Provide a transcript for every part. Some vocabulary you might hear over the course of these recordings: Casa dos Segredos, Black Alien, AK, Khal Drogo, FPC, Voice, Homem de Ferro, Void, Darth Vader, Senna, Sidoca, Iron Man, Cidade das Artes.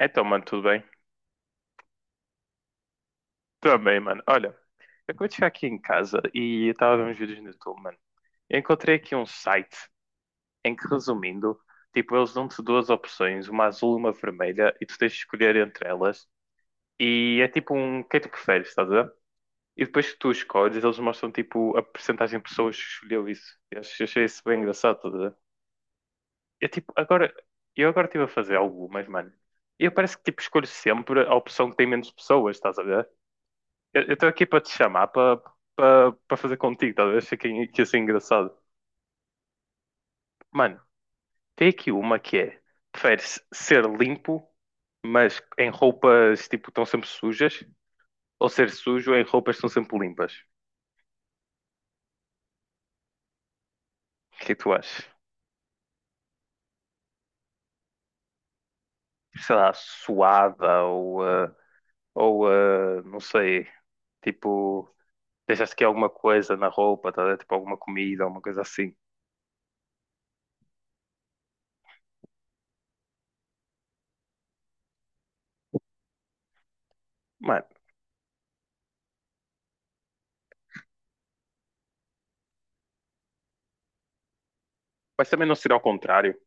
Então, mano, tudo bem? Também, mano. Olha, eu acabei de chegar aqui em casa e eu estava a ver uns vídeos no YouTube, mano. Eu encontrei aqui um site em que, resumindo, tipo, eles dão-te duas opções, uma azul e uma vermelha, e tu tens de escolher entre elas. E é tipo um, quem tu preferes, estás a ver? E depois que tu escolhes, eles mostram, tipo, a percentagem de pessoas que escolheu isso. Achei isso bem engraçado, estás a ver? Eu, tipo, agora, eu agora estive a fazer algumas, mano. E eu parece que, tipo, escolho sempre a opção que tem menos pessoas, estás a ver? Eu estou aqui para te chamar para para fazer contigo, talvez fique que assim engraçado. Mano, tem aqui uma que é: preferes ser limpo, mas em roupas tipo estão sempre sujas, ou ser sujo em roupas que estão sempre limpas? O que é que tu achas? Sei lá, suada ou, ou não sei, tipo, deixaste que alguma coisa na roupa, tá? a ver? Tipo alguma comida, alguma coisa assim. Mano, mas também não ser ao contrário.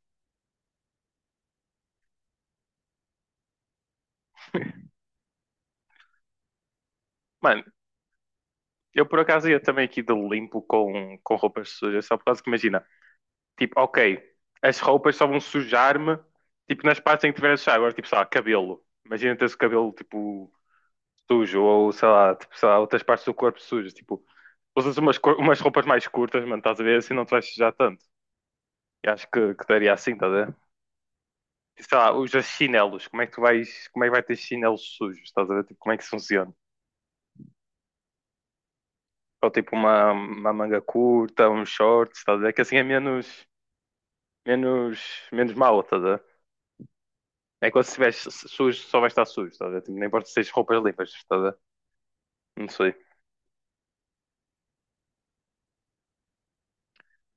Mano, eu por acaso ia também aqui de limpo com roupas sujas, só por causa que imagina, tipo, ok, as roupas só vão sujar-me, tipo, nas partes em que tiver a sujar, agora tipo, sei lá, cabelo. Imagina teres o cabelo, tipo, sujo, ou sei lá, tipo, sei lá, outras partes do corpo sujas, tipo, usas umas, cor- umas roupas mais curtas, mano, estás a ver, assim não te vais sujar tanto. E acho que daria assim, estás a ver? E, sei lá, usas chinelos, como é que tu vais, como é que vai ter chinelos sujos, estás a ver? Tipo, como é que isso funciona? Ou tipo uma manga curta, uns shorts, estás a ver? Que assim é menos menos, menos mal, estás a ver? É quando se estiveres sujo, só vai estar sujo, estás a ver? Tipo, nem importa se tens roupas limpas, estás a ver? Não sei.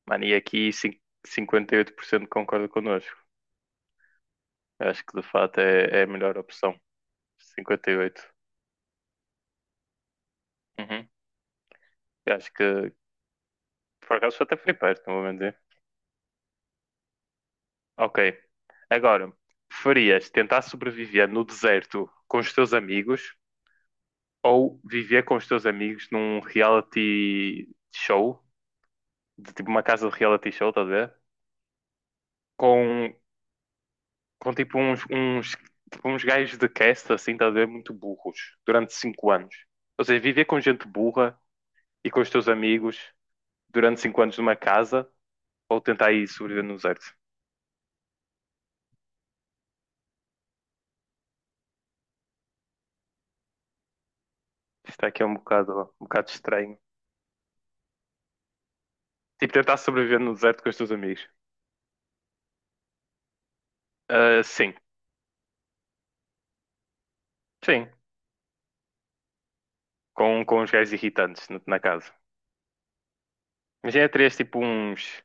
Mano, e aqui 58% concorda connosco. Eu acho que de fato é, é a melhor opção. 58%. Uhum. Eu acho que por acaso até foi perto, não vou mentir. Ok. Agora, preferias tentar sobreviver no deserto com os teus amigos ou viver com os teus amigos num reality show, de tipo uma casa de reality show, estás a ver? Com com tipo uns, uns, tipo, uns gajos de cast, assim, estás a ver, muito burros, durante cinco anos. Ou seja, viver com gente burra e com os teus amigos durante cinco anos numa casa, ou tentar aí sobreviver no deserto. Isto aqui é um bocado estranho. Tipo, tentar sobreviver no deserto com os teus amigos. Ah, sim, sim. Com os gajos irritantes na, na casa. Mas já terias tipo uns.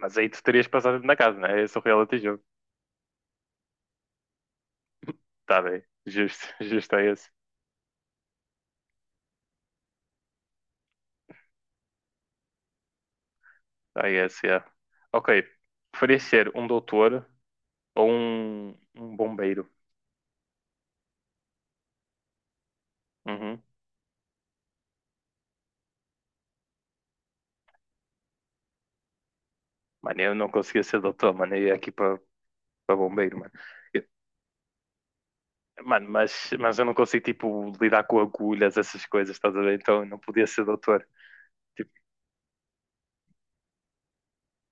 Mas aí tu terias passado na casa, não é? Esse é o reality jogo. Tá bem. Justo, justo é esse. Ah, yes, yeah. Ok. Preferias ser um doutor ou um bombeiro? Uhum. Mano, eu não conseguia ser doutor, mano. Eu ia aqui para bombeiro, mano. Eu- mano, mas eu não consigo, tipo, lidar com agulhas, essas coisas, estás a ver? Então eu não podia ser doutor. Tipo,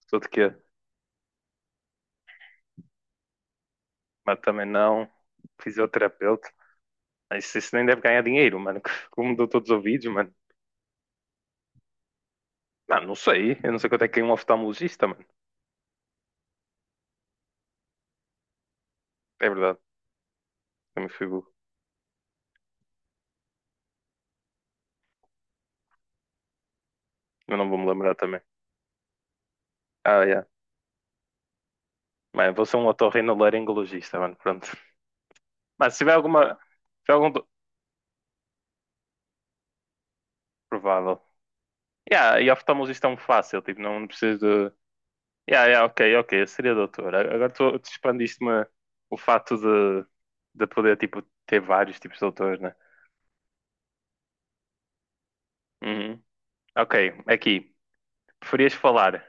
tudo que mas também não. Fisioterapeuta. Mas isso nem deve ganhar dinheiro, mano. Como doutor dos ouvidos, mano. Mano, não sei. Eu não sei quanto é que é um oftalmologista, mano. É verdade. Eu me figuro. Eu não vou me lembrar também. Ah, yeah. Mano, vou ser um otorrinolaringologista, mano, pronto. Mas se tiver alguma... Se tiver algum... do- Provável. Yeah, e oftalmologista é um fácil, tipo, não, não preciso de... Yeah, yeah, ok, ok, eu seria doutor. A- Agora tu, tu expandiste-me o fato de poder, tipo, ter vários tipos de doutores, né? Uhum. Ok, aqui. Preferias falar,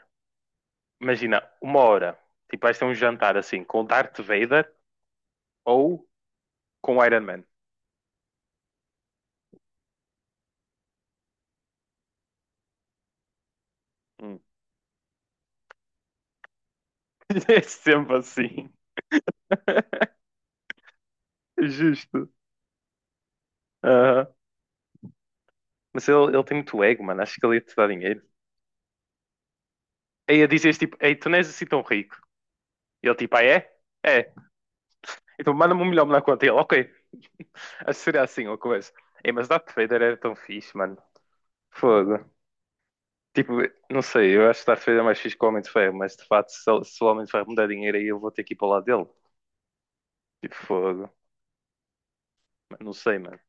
imagina, uma hora. Tipo, vais ter um jantar, assim, com o Darth Vader ou com o Iron Man? Hum. É sempre assim. Justo. Mas ele tem muito ego, mano. Acho que ele ia te dar dinheiro. Aí a dizias tipo, ei, tu não és assim tão rico. E ele tipo, ah, é? É. Então manda-me um milhão na conta. E ele, ok. Acho que seria assim uma coisa. Ei, mas Darth Vader era tão fixe, mano. Fogo. Tipo, não sei, eu acho que Darth Vader é mais fixe que o Homem de Ferro, mas de facto, se, ele- se o Homem de Ferro me der dinheiro aí, eu vou ter que ir para o lado dele. Tipo, fogo. Mano, não sei, mano.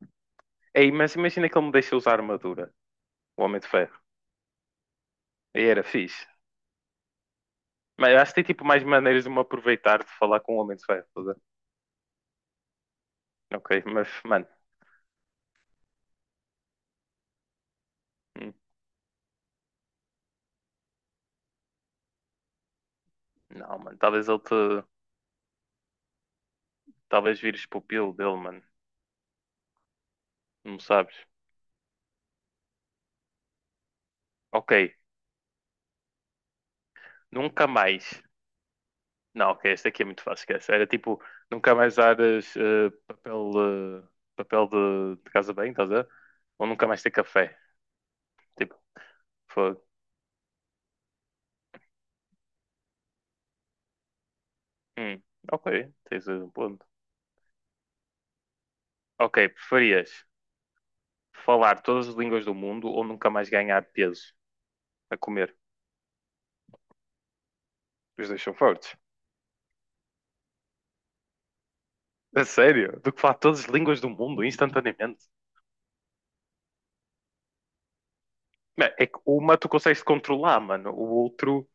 Ei, mas imagina que ele me deixa usar armadura, o Homem de Ferro. Aí era fixe. Mas acho que tem tipo mais maneiras de me aproveitar de falar com o Homem de Ferro. Tá a ver? Ok, mas, mano, não, mano, talvez ele te. Talvez vires pupilo dele, mano. Não sabes. Ok, nunca mais. Não, ok, esta aqui é muito fácil, esquece. Era tipo, nunca mais usares papel, eh, papel de casa bem, estás a ver? Ou nunca mais ter café. Tipo, fogo. Hum, ok, tens um ponto. Ok, preferias falar todas as línguas do mundo ou nunca mais ganhar peso a comer? Os dois são fortes. A sério? Do que falar todas as línguas do mundo instantaneamente? É que uma tu consegues controlar, mano. O outro.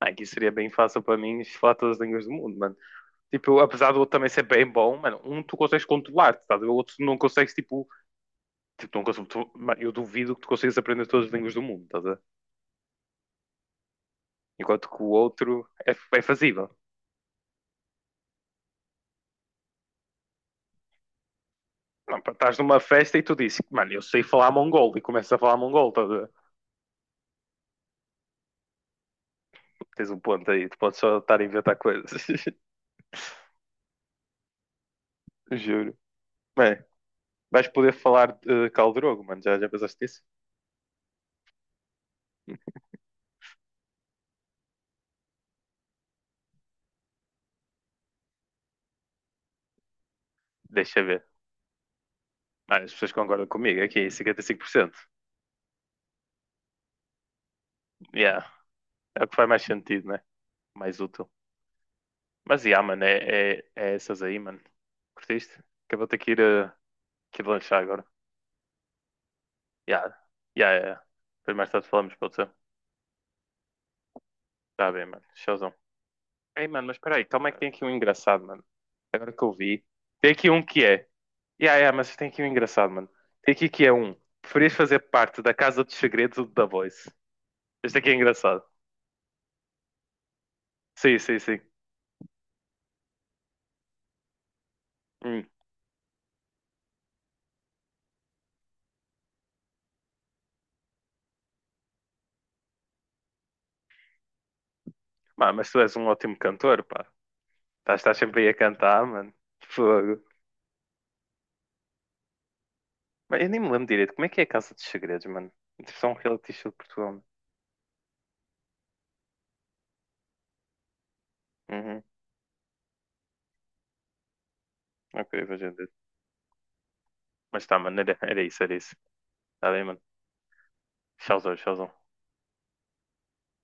Ah, aqui seria bem fácil para mim falar todas as línguas do mundo, mano. Tipo, apesar do outro também ser bem bom, mano, um tu consegues controlar, estás o outro tu não consegues, tipo, tipo não consegues, tu, mano, eu duvido que tu consigas aprender todas as línguas do mundo, estás enquanto que o outro é, é fazível. Não, pá, estás numa festa e tu dizes, mano, eu sei falar mongol e começas a falar mongol, estás tens um ponto aí, tu podes só estar a inventar coisas, juro. Bem, vais poder falar de Khal Drogo, mano, já, já pensaste nisso? Deixa ver. Ah, as pessoas concordam comigo. Aqui, 55%. Yeah. É o que faz mais sentido, né? Mais útil. Mas, yeah, mano, é, é, é essas aí, mano. Curtiste? Que eu vou ter que ir lanchar agora. Yeah. Yeah, yeah. Yeah. Depois mais tarde falamos, pode ser? Tá bem, mano. Showzão. Ei, mano, mas espera aí. Calma é que tem aqui um engraçado, mano. Agora que eu vi. Tem aqui um que é. Yeah, yeah, mas tem aqui um engraçado, mano. Tem aqui que é um. Preferias fazer parte da Casa dos Segredos ou da Voice? Este aqui é engraçado. Sim, sim, sim. Hum. Mano, mas tu és um ótimo cantor, pá. Estás sempre aí a cantar, mano. Fogo. Mas eu nem me lembro direito. Como é que é a Casa dos Segredos, mano? Tipo, só um reality show de Portugal, mano. Uhum. Ok, vou entender. Mas tá, mano, era, era isso, era isso. Tá bem, mano. Tchauzão, tchauzão.